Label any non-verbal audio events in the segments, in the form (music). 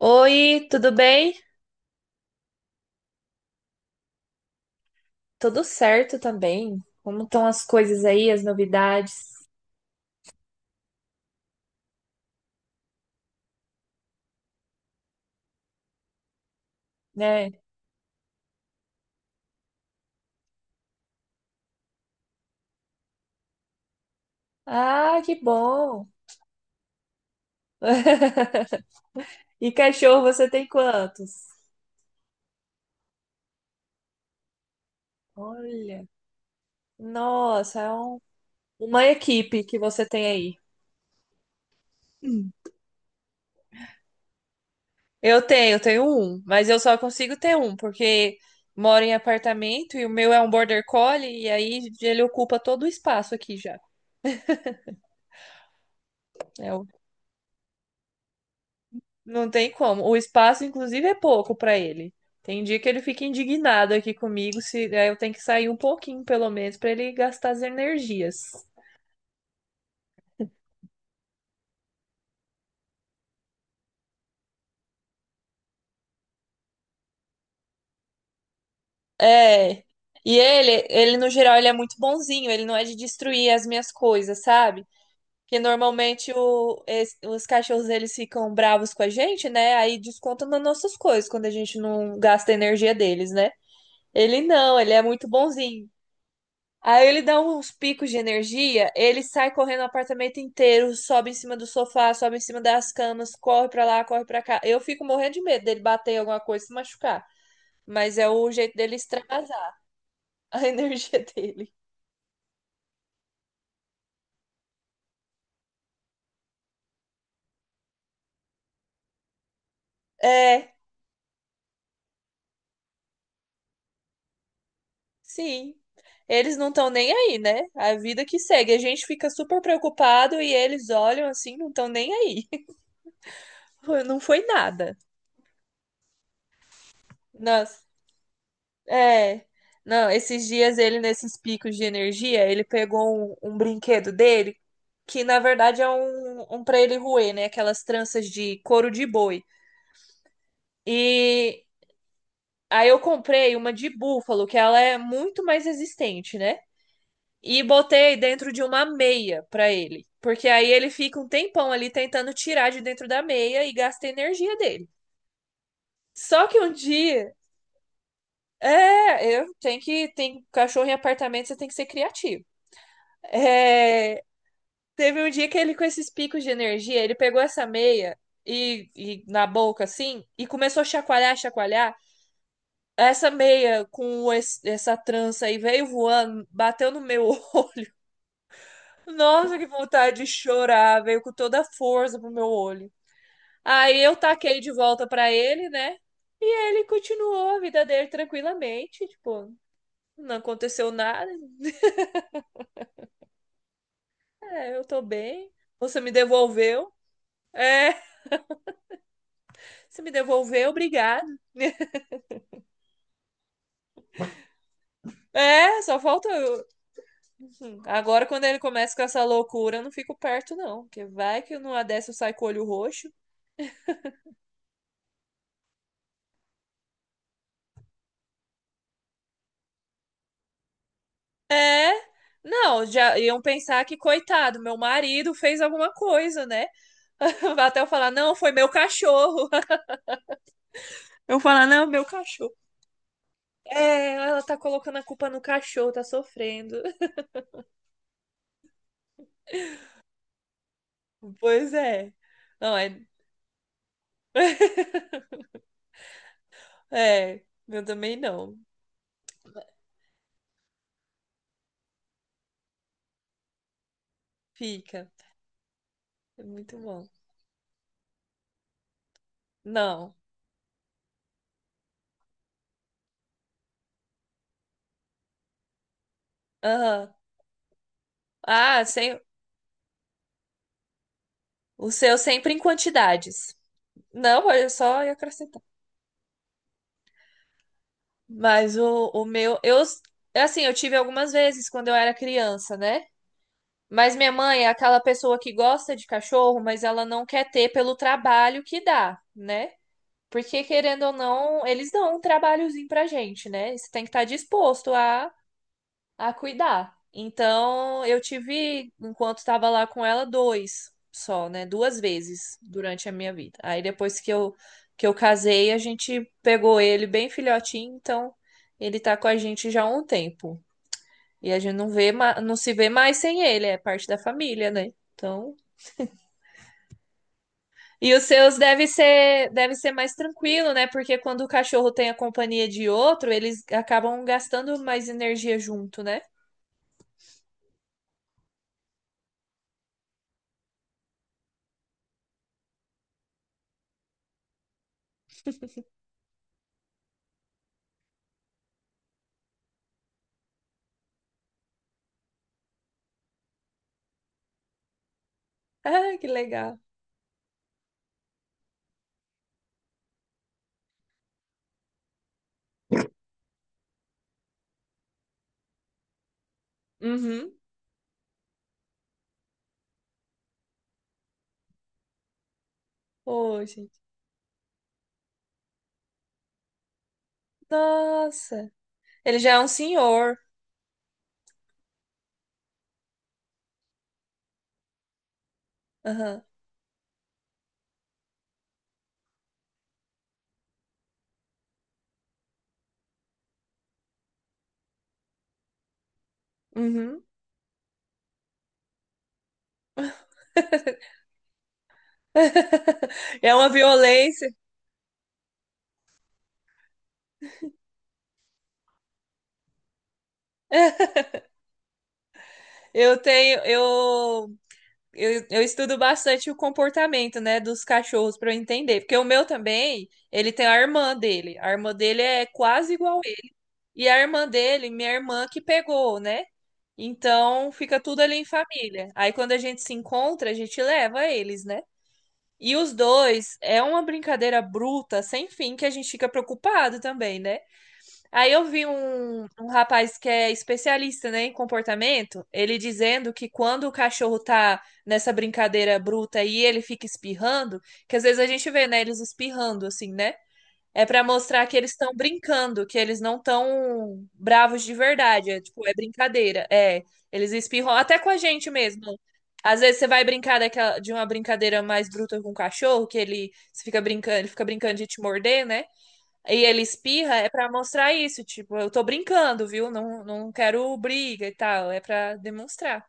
Oi, tudo bem? Tudo certo também? Como estão as coisas aí, as novidades, né? Ah, que bom! (laughs) E cachorro, você tem quantos? Olha, nossa, é uma equipe que você tem aí. Hum. Eu tenho um, mas eu só consigo ter um, porque moro em apartamento e o meu é um border collie e aí ele ocupa todo o espaço aqui já. Não tem como. O espaço, inclusive, é pouco pra ele. Tem dia que ele fica indignado aqui comigo, se aí eu tenho que sair um pouquinho, pelo menos, pra ele gastar as energias. É. E ele no geral, ele é muito bonzinho, ele não é de destruir as minhas coisas, sabe? Porque normalmente os cachorros eles ficam bravos com a gente, né? Aí descontam nas nossas coisas quando a gente não gasta a energia deles, né? Ele não, ele é muito bonzinho. Aí ele dá uns picos de energia, ele sai correndo o apartamento inteiro, sobe em cima do sofá, sobe em cima das camas, corre pra lá, corre pra cá. Eu fico morrendo de medo dele bater em alguma coisa e se machucar. Mas é o jeito dele extravasar a (laughs) energia dele. É, sim. Eles não estão nem aí, né? A vida que segue. A gente fica super preocupado e eles olham assim, não estão nem aí. (laughs) Não foi nada. Nossa. É. Não, esses dias ele, nesses picos de energia, ele pegou um brinquedo dele, que na verdade é um pra ele roer, né? Aquelas tranças de couro de boi. E aí eu comprei uma de búfalo, que ela é muito mais resistente, né? E botei dentro de uma meia pra ele. Porque aí ele fica um tempão ali tentando tirar de dentro da meia e gasta a energia dele. Só que um dia, é, eu tenho que, tem cachorro em apartamento, você tem que ser criativo. É, teve um dia que ele, com esses picos de energia, ele pegou essa meia e na boca, assim, e começou a chacoalhar, chacoalhar. Essa meia com essa trança aí veio voando, bateu no meu (laughs) olho. Nossa, que vontade de chorar! Veio com toda a força pro meu olho. Aí eu taquei de volta pra ele, né? E ele continuou a vida dele tranquilamente, tipo, não aconteceu nada. É, eu tô bem. Você me devolveu. É, você me devolveu, obrigada. É, só falta. Agora, quando ele começa com essa loucura, eu não fico perto, não. Porque vai que numa dessa eu saio com o olho roxo. É. Não, já iam pensar que, coitado, meu marido fez alguma coisa, né? (laughs) Até eu falar, não, foi meu cachorro. (laughs) Eu falar, não, meu cachorro. É, ela tá colocando a culpa no cachorro, tá sofrendo. (laughs) Pois é. Não, é. É, eu também não. Fica. É muito bom. Não. Aham. Ah, sem, o seu sempre em quantidades. Não, olha só ia acrescentar. Mas o meu, eu, assim, eu tive algumas vezes quando eu era criança, né? Mas minha mãe é aquela pessoa que gosta de cachorro, mas ela não quer ter pelo trabalho que dá, né? Porque, querendo ou não, eles dão um trabalhozinho pra gente, né? Você tem que estar disposto a cuidar. Então, eu tive, enquanto estava lá com ela, dois só, né? Duas vezes durante a minha vida. Aí depois que eu casei, a gente pegou ele bem filhotinho, então ele tá com a gente já há um tempo. E a gente não vê, não se vê mais sem ele, é parte da família, né? Então, e os seus deve ser mais tranquilo, né? Porque quando o cachorro tem a companhia de outro, eles acabam gastando mais energia junto, né? Ah, que legal. Uhum. Ô, gente. Nossa. Ele já é um senhor. Aham. Uhum. (laughs) É uma violência. Eu tenho, eu estudo bastante o comportamento, né, dos cachorros para eu entender, porque o meu também, ele tem a irmã dele. A irmã dele é quase igual a ele. E a irmã dele, minha irmã que pegou, né? Então fica tudo ali em família. Aí quando a gente se encontra, a gente leva eles, né? E os dois é uma brincadeira bruta, sem fim, que a gente fica preocupado também, né? Aí eu vi um rapaz que é especialista, né, em comportamento, ele dizendo que quando o cachorro tá nessa brincadeira bruta e ele fica espirrando, que às vezes a gente vê, né, eles espirrando, assim, né? É pra mostrar que eles estão brincando, que eles não estão bravos de verdade. É, tipo, é brincadeira. É, eles espirram até com a gente mesmo. Às vezes você vai brincar daquela, de uma brincadeira mais bruta com o cachorro, que ele você fica brincando, ele fica brincando de te morder, né? E ele espirra, é pra mostrar isso, tipo, eu tô brincando, viu? Não, não quero briga e tal, é pra demonstrar.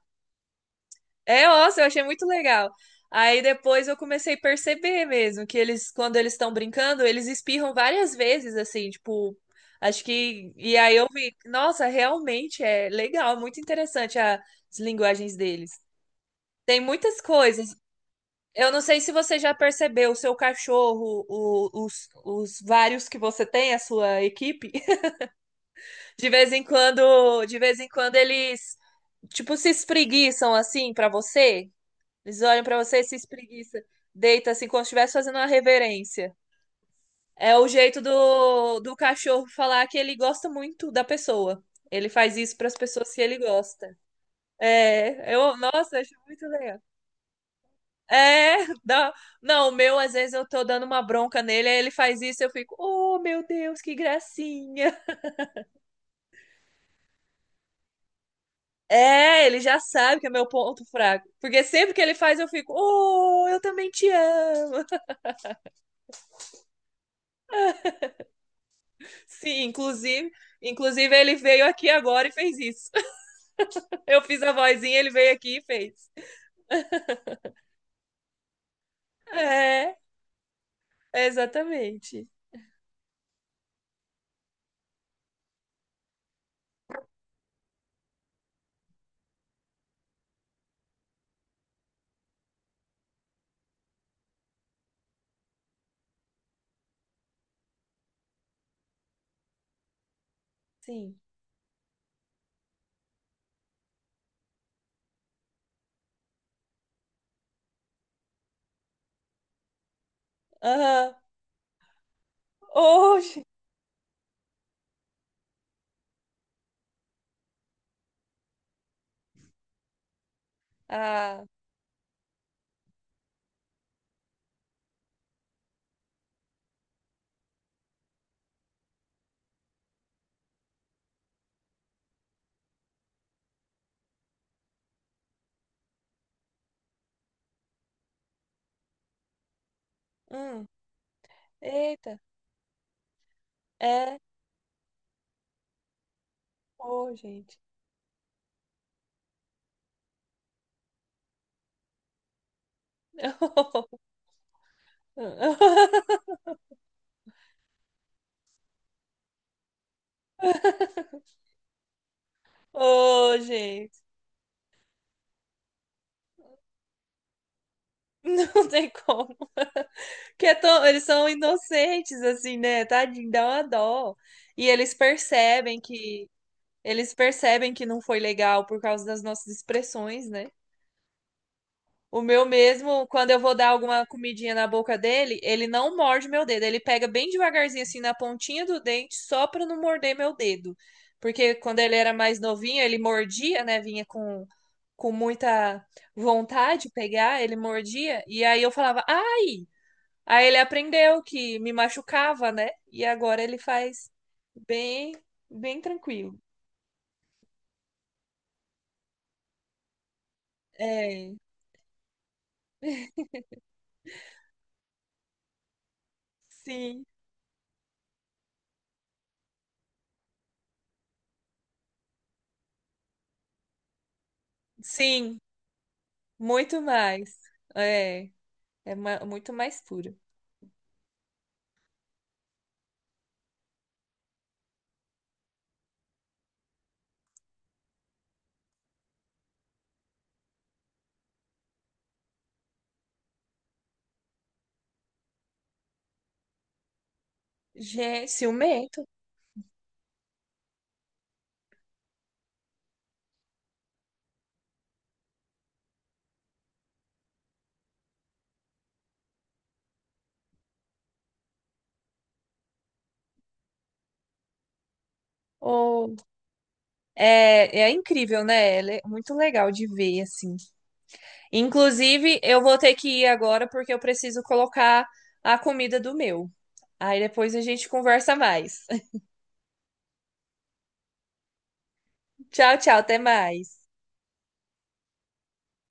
É, nossa, eu achei muito legal. Aí depois eu comecei a perceber mesmo que eles, quando eles estão brincando, eles espirram várias vezes, assim, tipo, acho que. E aí eu vi, nossa, realmente é legal, muito interessante as linguagens deles. Tem muitas coisas. Eu não sei se você já percebeu, o seu cachorro, os vários que você tem, a sua equipe, (laughs) de vez em quando, de vez em quando eles, tipo, se espreguiçam assim pra você. Eles olham pra você e se espreguiça. Deita assim, como se estivesse fazendo uma reverência. É o jeito do cachorro falar que ele gosta muito da pessoa. Ele faz isso pras pessoas que ele gosta. É, eu, nossa, acho muito legal. É, não, o meu, às vezes eu tô dando uma bronca nele, aí ele faz isso, eu fico, oh meu Deus, que gracinha. É, ele já sabe que é meu ponto fraco. Porque sempre que ele faz, eu fico, oh, eu também te amo. Sim, inclusive ele veio aqui agora e fez isso. (laughs) Eu fiz a vozinha, ele veio aqui e fez. É, exatamente. Sim. Aham. Hoje. Ah. Hum. Eita. É. Ô, gente. (laughs) Ô, gente. Não tem como. Eles são inocentes, assim, né? Tadinho, dá uma dó. E eles percebem que. Eles percebem que não foi legal por causa das nossas expressões, né? O meu mesmo, quando eu vou dar alguma comidinha na boca dele, ele não morde meu dedo. Ele pega bem devagarzinho assim na pontinha do dente, só pra não morder meu dedo. Porque quando ele era mais novinho, ele mordia, né? Vinha com muita vontade de pegar, ele mordia. E aí eu falava, ai! Aí ele aprendeu que me machucava, né? E agora ele faz bem, bem tranquilo. É, sim, sim, muito mais. É. É muito mais puro. Gente, ciumento. Ou é incrível, né? É muito legal de ver, assim. Inclusive, eu vou ter que ir agora porque eu preciso colocar a comida do meu. Aí depois a gente conversa mais. (laughs) Tchau, tchau, até mais.